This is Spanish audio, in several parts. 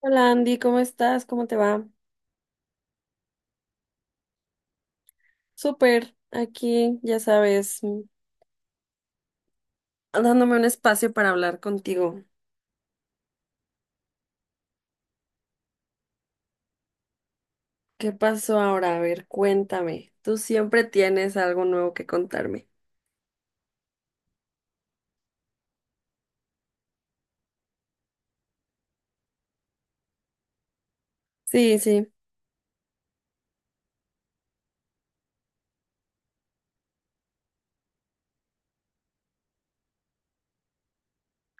Hola Andy, ¿cómo estás? ¿Cómo te va? Súper, aquí, ya sabes, dándome un espacio para hablar contigo. ¿Qué pasó ahora? A ver, cuéntame. Tú siempre tienes algo nuevo que contarme. Sí, sí.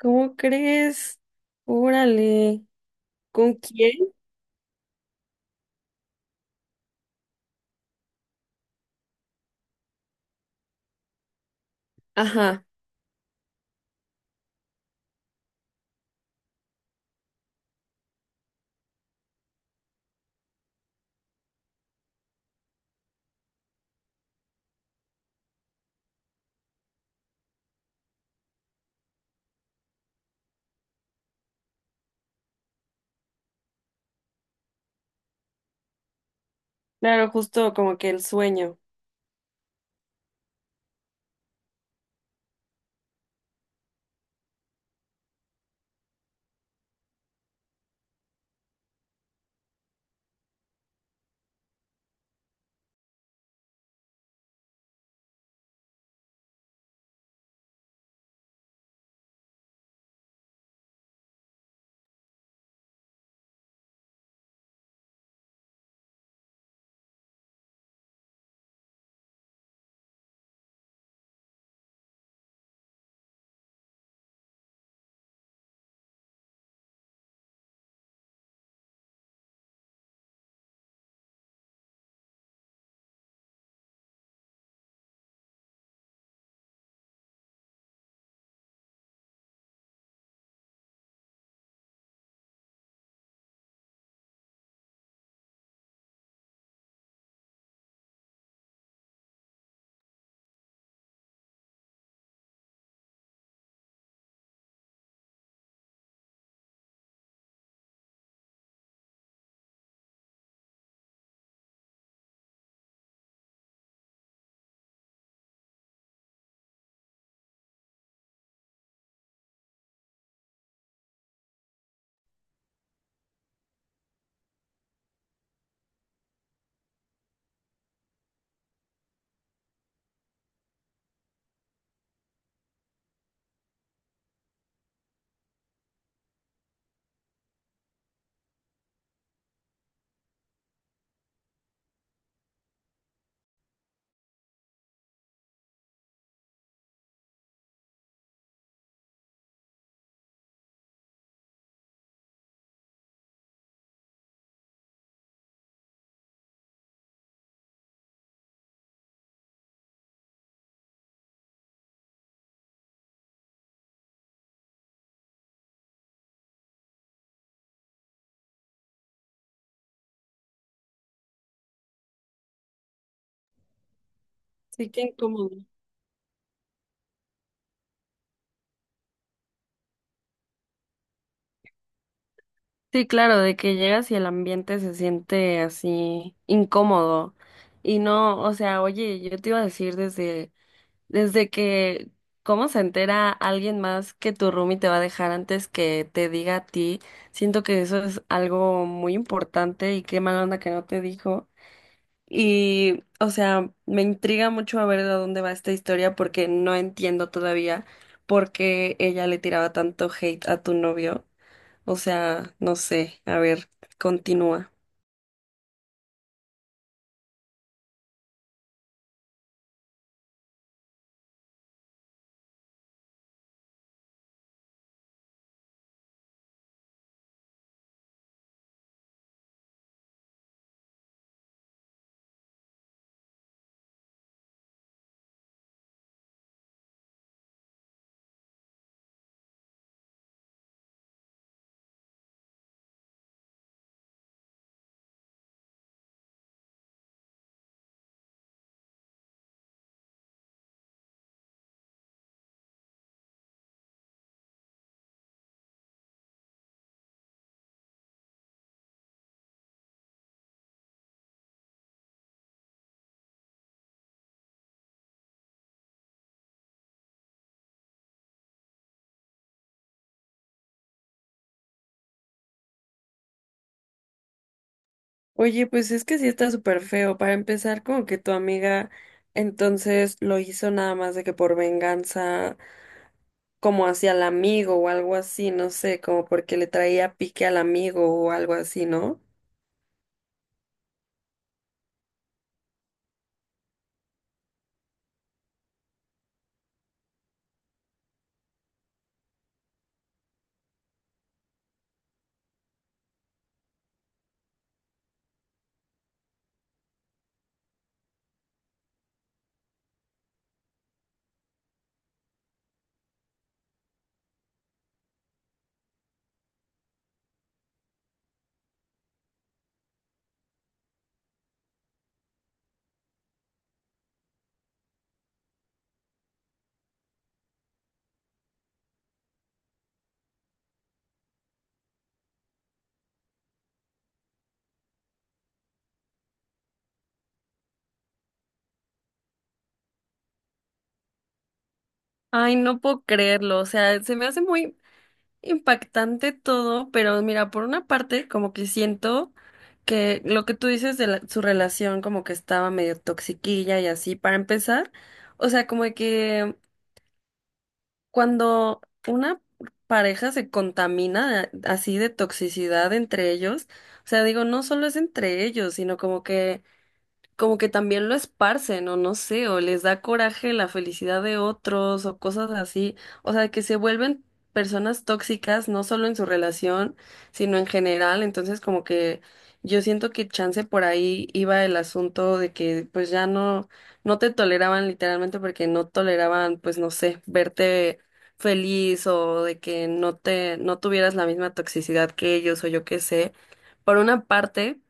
¿Cómo crees? Órale. ¿Con quién? Ajá. Claro, justo como que el sueño. Sí, qué incómodo. Sí, claro, de que llegas y el ambiente se siente así incómodo. Y no, o sea, oye, yo te iba a decir desde. Desde que, ¿Cómo se entera alguien más que tu roomie te va a dejar antes que te diga a ti? Siento que eso es algo muy importante y qué mala onda que no te dijo. Y, o sea, me intriga mucho a ver de dónde va esta historia porque no entiendo todavía por qué ella le tiraba tanto hate a tu novio. O sea, no sé, a ver, continúa. Oye, pues es que sí está súper feo. Para empezar, como que tu amiga entonces lo hizo nada más de que por venganza, como hacia el amigo o algo así, no sé, como porque le traía pique al amigo o algo así, ¿no? Ay, no puedo creerlo, o sea, se me hace muy impactante todo, pero mira, por una parte, como que siento que lo que tú dices su relación como que estaba medio toxiquilla y así, para empezar, o sea, como de que. Cuando una pareja se contamina así de toxicidad entre ellos, o sea, digo, no solo es entre ellos, sino como que también lo esparcen, o no sé, o les da coraje la felicidad de otros, o cosas así. O sea, que se vuelven personas tóxicas, no solo en su relación, sino en general. Entonces, como que yo siento que chance por ahí iba el asunto de que pues ya no te toleraban literalmente porque no toleraban, pues no sé, verte feliz o de que no tuvieras la misma toxicidad que ellos, o yo qué sé. Por una parte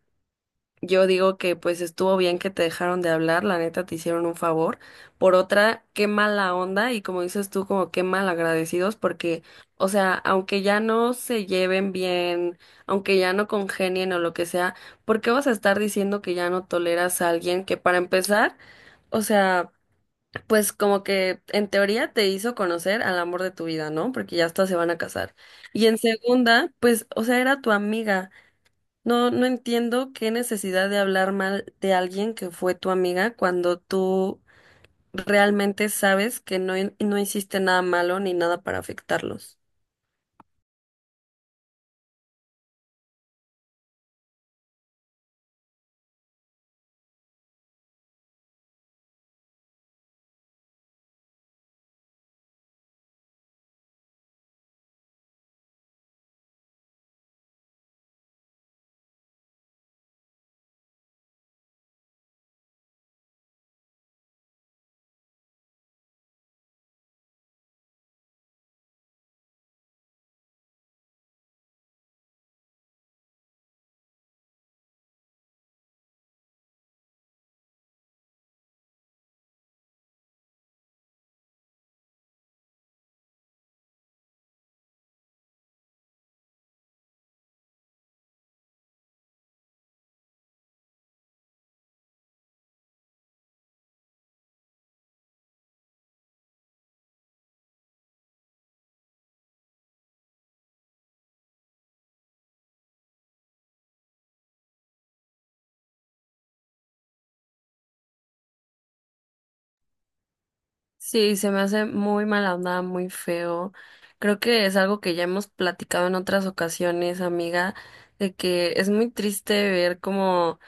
yo digo que pues estuvo bien que te dejaron de hablar, la neta te hicieron un favor. Por otra, qué mala onda y como dices tú, como qué mal agradecidos porque, o sea, aunque ya no se lleven bien, aunque ya no congenien o lo que sea, ¿por qué vas a estar diciendo que ya no toleras a alguien que para empezar, o sea, pues como que en teoría te hizo conocer al amor de tu vida, ¿no? Porque ya hasta se van a casar. Y en segunda, pues, o sea, era tu amiga. No, no entiendo qué necesidad de hablar mal de alguien que fue tu amiga cuando tú realmente sabes que no, no hiciste nada malo ni nada para afectarlos. Sí, se me hace muy mala onda, muy feo. Creo que es algo que ya hemos platicado en otras ocasiones, amiga, de que es muy triste ver como,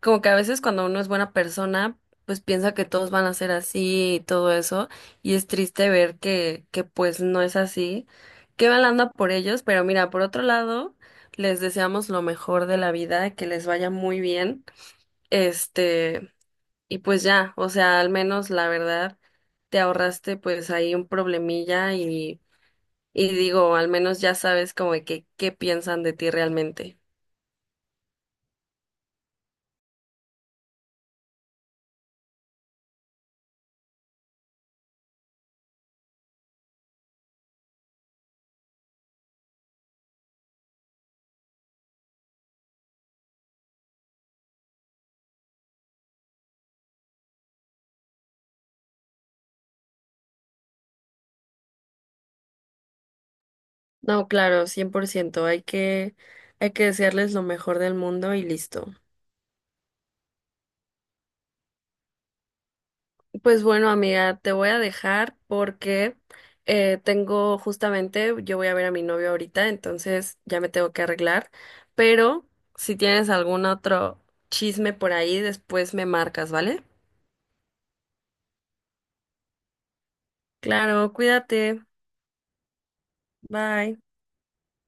como que a veces cuando uno es buena persona, pues piensa que todos van a ser así y todo eso, y es triste ver que pues no es así. Qué mala onda por ellos, pero mira, por otro lado, les deseamos lo mejor de la vida, que les vaya muy bien. Este. Y pues ya, o sea, al menos la verdad, te ahorraste pues ahí un problemilla y digo, al menos ya sabes como de que qué piensan de ti realmente. No, claro, 100%. Hay que desearles lo mejor del mundo y listo. Pues bueno, amiga, te voy a dejar porque tengo justamente, yo voy a ver a mi novio ahorita, entonces ya me tengo que arreglar, pero si tienes algún otro chisme por ahí, después me marcas, ¿vale? Claro, cuídate. Bye.